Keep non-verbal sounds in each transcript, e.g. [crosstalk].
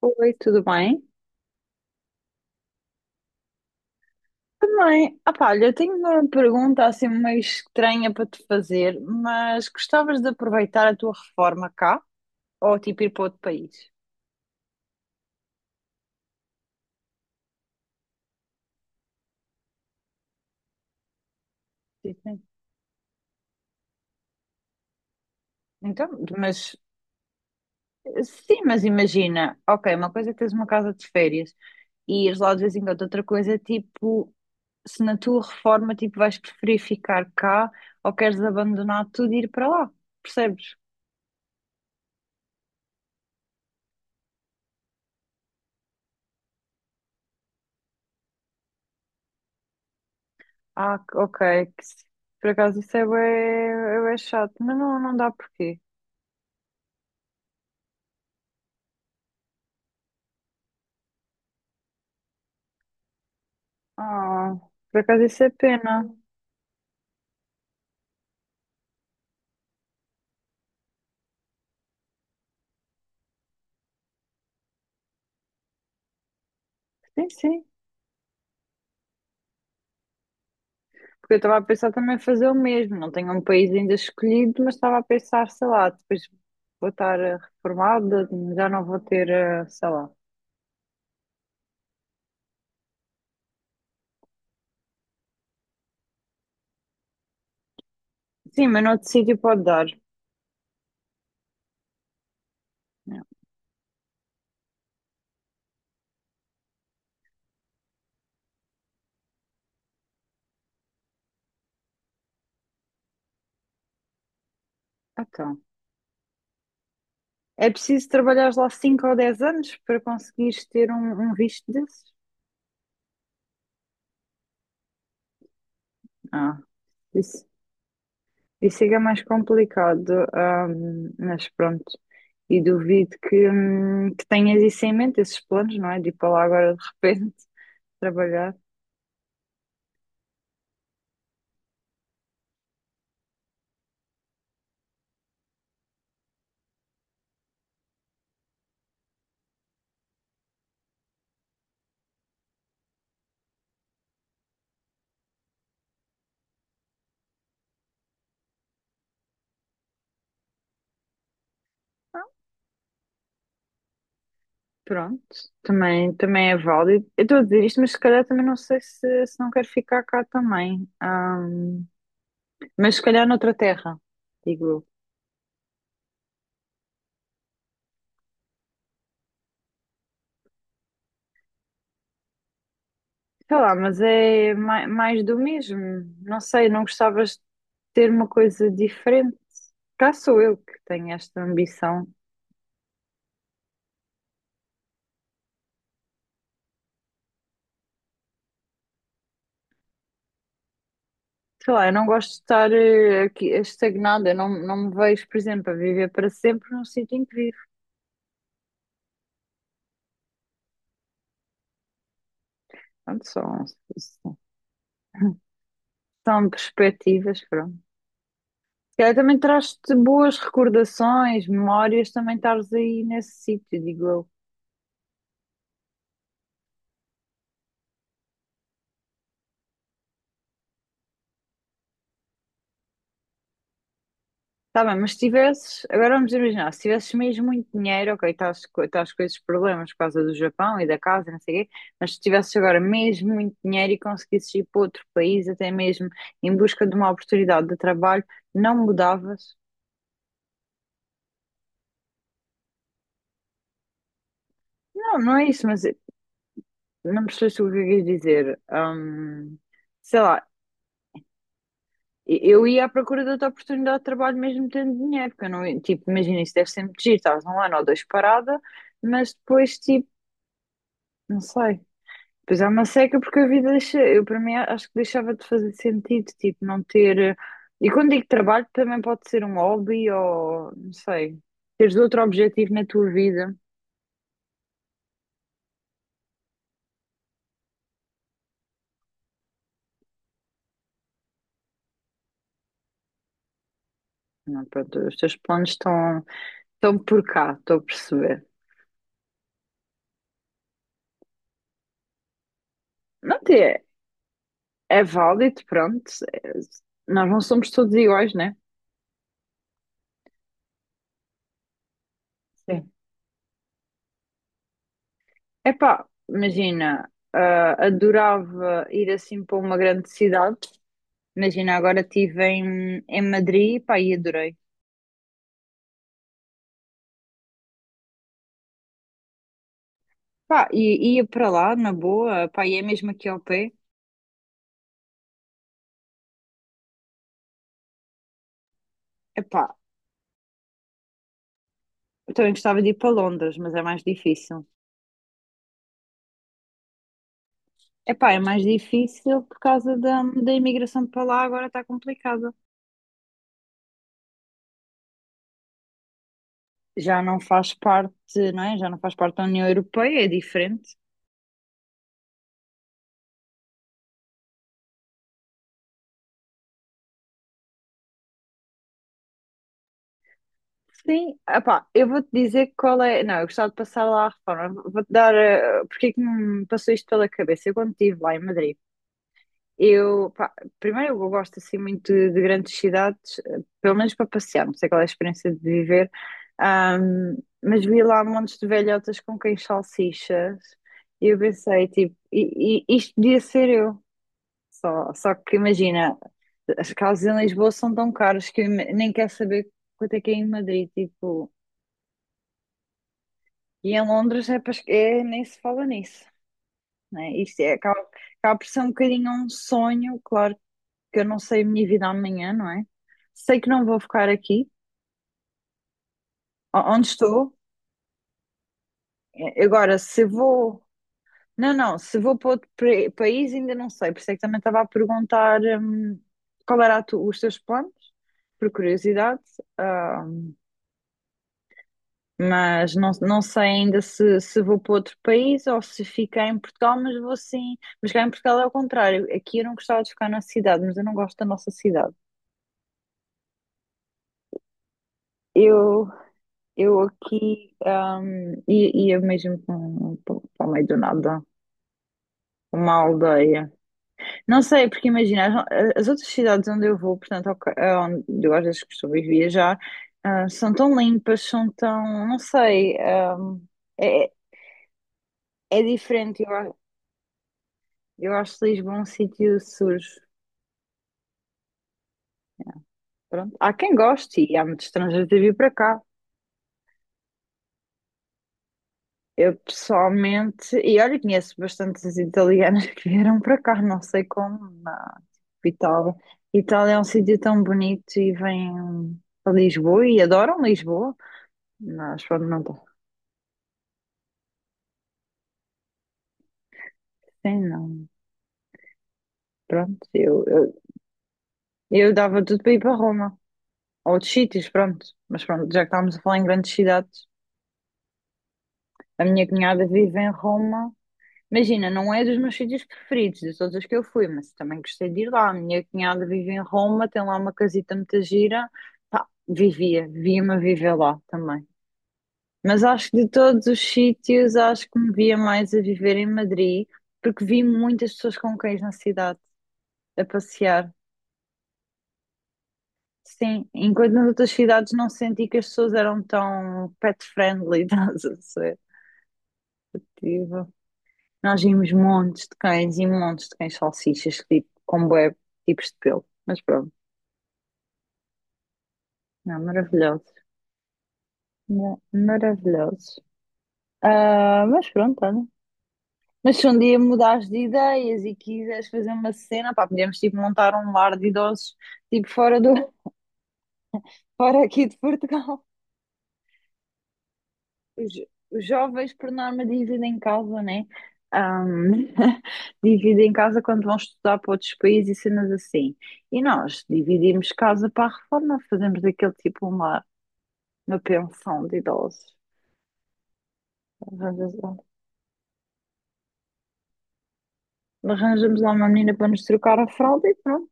Oi, tudo bem? Também, ah pá, olha, eu tenho uma pergunta assim meio estranha para te fazer, mas gostavas de aproveitar a tua reforma cá ou tipo ir para outro país? Sim, sim. Então, mas sim, mas imagina, ok, uma coisa é teres uma casa de férias, e ires lá de vez em quando. Outra coisa é tipo, se na tua reforma tipo, vais preferir ficar cá ou queres abandonar tudo e ir para lá, percebes? Ah, ok, que se- por acaso isso é bué chato, mas não, não dá porquê. Ah, por acaso isso é pena. Sim, sim. Porque eu estava a pensar também fazer o mesmo. Não tenho um país ainda escolhido, mas estava a pensar, sei lá, depois vou estar reformada, já não vou ter, sei lá. Sim, mas noutro sítio pode dar. Não. Então. É preciso trabalhar lá 5 ou 10 anos para conseguires ter um visto desses? Ah, isso, isso é que é mais complicado. Mas pronto, e duvido que tenhas isso em mente, esses planos, não é? De ir para lá agora de repente [laughs] trabalhar. Ah, pronto, também é válido. Eu estou a dizer isto, mas se calhar também não sei se não quero ficar cá também. Mas se calhar noutra terra, digo eu. Sei lá, mas é mais do mesmo. Não sei, não gostavas de ter uma coisa diferente. Cá sou eu que tenho esta ambição. Sei lá, eu não gosto de estar aqui estagnada. Eu não me vejo, por exemplo, a viver para sempre num sítio em que vivo. Pronto, são, são perspectivas, pronto. Se calhar também traz-te boas recordações, memórias, também estares aí nesse sítio, digo eu. Tá bem, mas se tivesses, agora vamos imaginar, se tivesses mesmo muito dinheiro, ok, estás com esses problemas por causa do Japão e da casa, e não sei o quê, mas se tivesses agora mesmo muito dinheiro e conseguisses ir para outro país, até mesmo em busca de uma oportunidade de trabalho, não mudavas? Não, não é isso, mas não percebeste o que eu quis dizer. Sei lá, eu ia à procura de outra oportunidade de trabalho mesmo tendo dinheiro, porque eu não, tipo, imagina, isso deve ser muito giro, estás um ano ou dois parada, mas depois, tipo, não sei. Pois há uma seca porque a vida deixa, eu para mim acho que deixava de fazer sentido, tipo, não ter. E quando digo trabalho também pode ser um hobby ou não sei, teres outro objetivo na tua vida. Não, pronto, os teus planos estão por cá, estou a perceber. Não é, é válido, pronto. é- nós não somos todos iguais, né? Sim. Epá, imagina, ah, adorava ir assim para uma grande cidade. Imagina, agora estive em Madrid, pá, e adorei. Pá, e ia para lá, na boa, pá, e é mesmo aqui ao pé. Epá, eu também gostava de ir para Londres, mas é mais difícil. Epá, é mais difícil por causa da imigração para lá, agora está complicada. Já não faz parte, não é? Já não faz parte da União Europeia, é diferente. Sim, epá, eu vou-te dizer qual é. Não, eu gostava de passar lá a reforma. Vou-te dar. Porque é que me passou isto pela cabeça? Eu quando estive lá em Madrid. Eu, pá, primeiro, eu gosto assim muito de grandes cidades, pelo menos para passear, não sei qual é a experiência de viver. Ahm, mas vi lá montes de velhotas com quem salsichas e eu pensei, tipo, isto podia ser eu. Só que imagina, as casas em Lisboa são tão caras que eu nem quero saber quanto é que é em Madrid, tipo, e em Londres é nem se fala nisso, né? Isto é, acaba por ser um bocadinho um sonho, claro que eu não sei a minha vida amanhã, não é? Sei que não vou ficar aqui, onde estou. Agora, se vou. Não, não, se vou para outro país ainda não sei, por isso é que também estava a perguntar, qual era os teus planos, por curiosidade, ah, mas não sei ainda se vou para outro país ou se ficar em Portugal, mas vou sim. Mas cá em Portugal é o contrário, aqui eu não gostava de ficar na cidade, mas eu não gosto da nossa cidade. Eu Eu aqui, e eu mesmo para o meio do nada, uma aldeia. Não sei, porque imagina, as outras cidades onde eu vou, portanto, ok, onde eu às vezes costumo ir viajar, ah, são tão limpas, são tão, não sei, é, é diferente. Eu acho Lisboa um sítio sujo. Pronto. Há quem goste e há muitos estrangeiros a vir para cá. Eu pessoalmente, e olha, conheço bastantes italianas [laughs] que vieram para cá, não sei como, Vitória. Itália é um sítio tão bonito e vêm a Lisboa e adoram Lisboa. Mas pronto, não está. Sim, não. Pronto, eu dava tudo para ir para Roma. Ou outros sítios, pronto. Mas pronto, já que estávamos a falar em grandes cidades, a minha cunhada vive em Roma. Imagina, não é dos meus sítios preferidos, de todos os que eu fui, mas também gostei de ir lá. A minha cunhada vive em Roma, tem lá uma casita muito gira. Pá, via-me a viver lá também. Mas acho que de todos os sítios, acho que me via mais a viver em Madrid, porque vi muitas pessoas com cães na cidade, a passear. Sim, enquanto nas outras cidades não senti que as pessoas eram tão pet friendly, [laughs] estás a ver? Tipo, nós vimos montes de cães e montes de cães salsichas, tipo, com bué tipos de pelo. Mas pronto, não, maravilhosos. Não, maravilhosos. Ah, mas pronto, olha. Mas se um dia mudares de ideias e quiseres fazer uma cena, pá, podemos tipo montar um lar de idosos, tipo fora do, [laughs] fora aqui de Portugal. Os, os jovens, por norma, dividem casa, né? Ahm, [laughs] dividem casa quando vão estudar para outros países e cenas assim. E nós dividimos casa para a reforma, fazemos daquele tipo uma pensão de idosos. Arranjas lá- Arranjamos lá uma menina para nos trocar a fralda e pronto.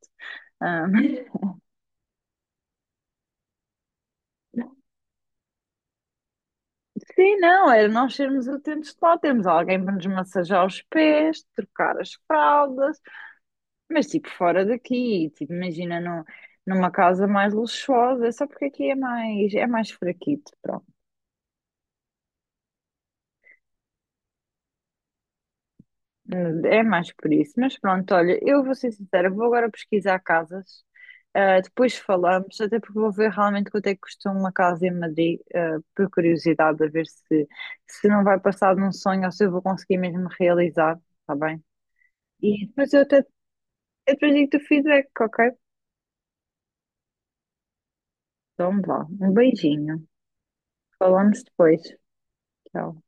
Ahm. [laughs] Sim, não, era nós sermos atentos de lá, termos alguém para nos massajar os pés, trocar as fraldas, mas tipo fora daqui, tipo, imagina numa casa mais luxuosa, é só porque aqui é mais, fraquito, pronto, é mais por isso. Mas pronto, olha, eu vou ser sincera, vou agora pesquisar casas, ah, depois falamos, até porque vou ver realmente quanto é que custa uma casa em Madrid, ah, por curiosidade, a ver se não vai passar de um sonho ou se eu vou conseguir mesmo realizar, está bem? E depois eu até Eu depois digo-te o feedback, ok? Então vá, um beijinho. Falamos depois. Tchau.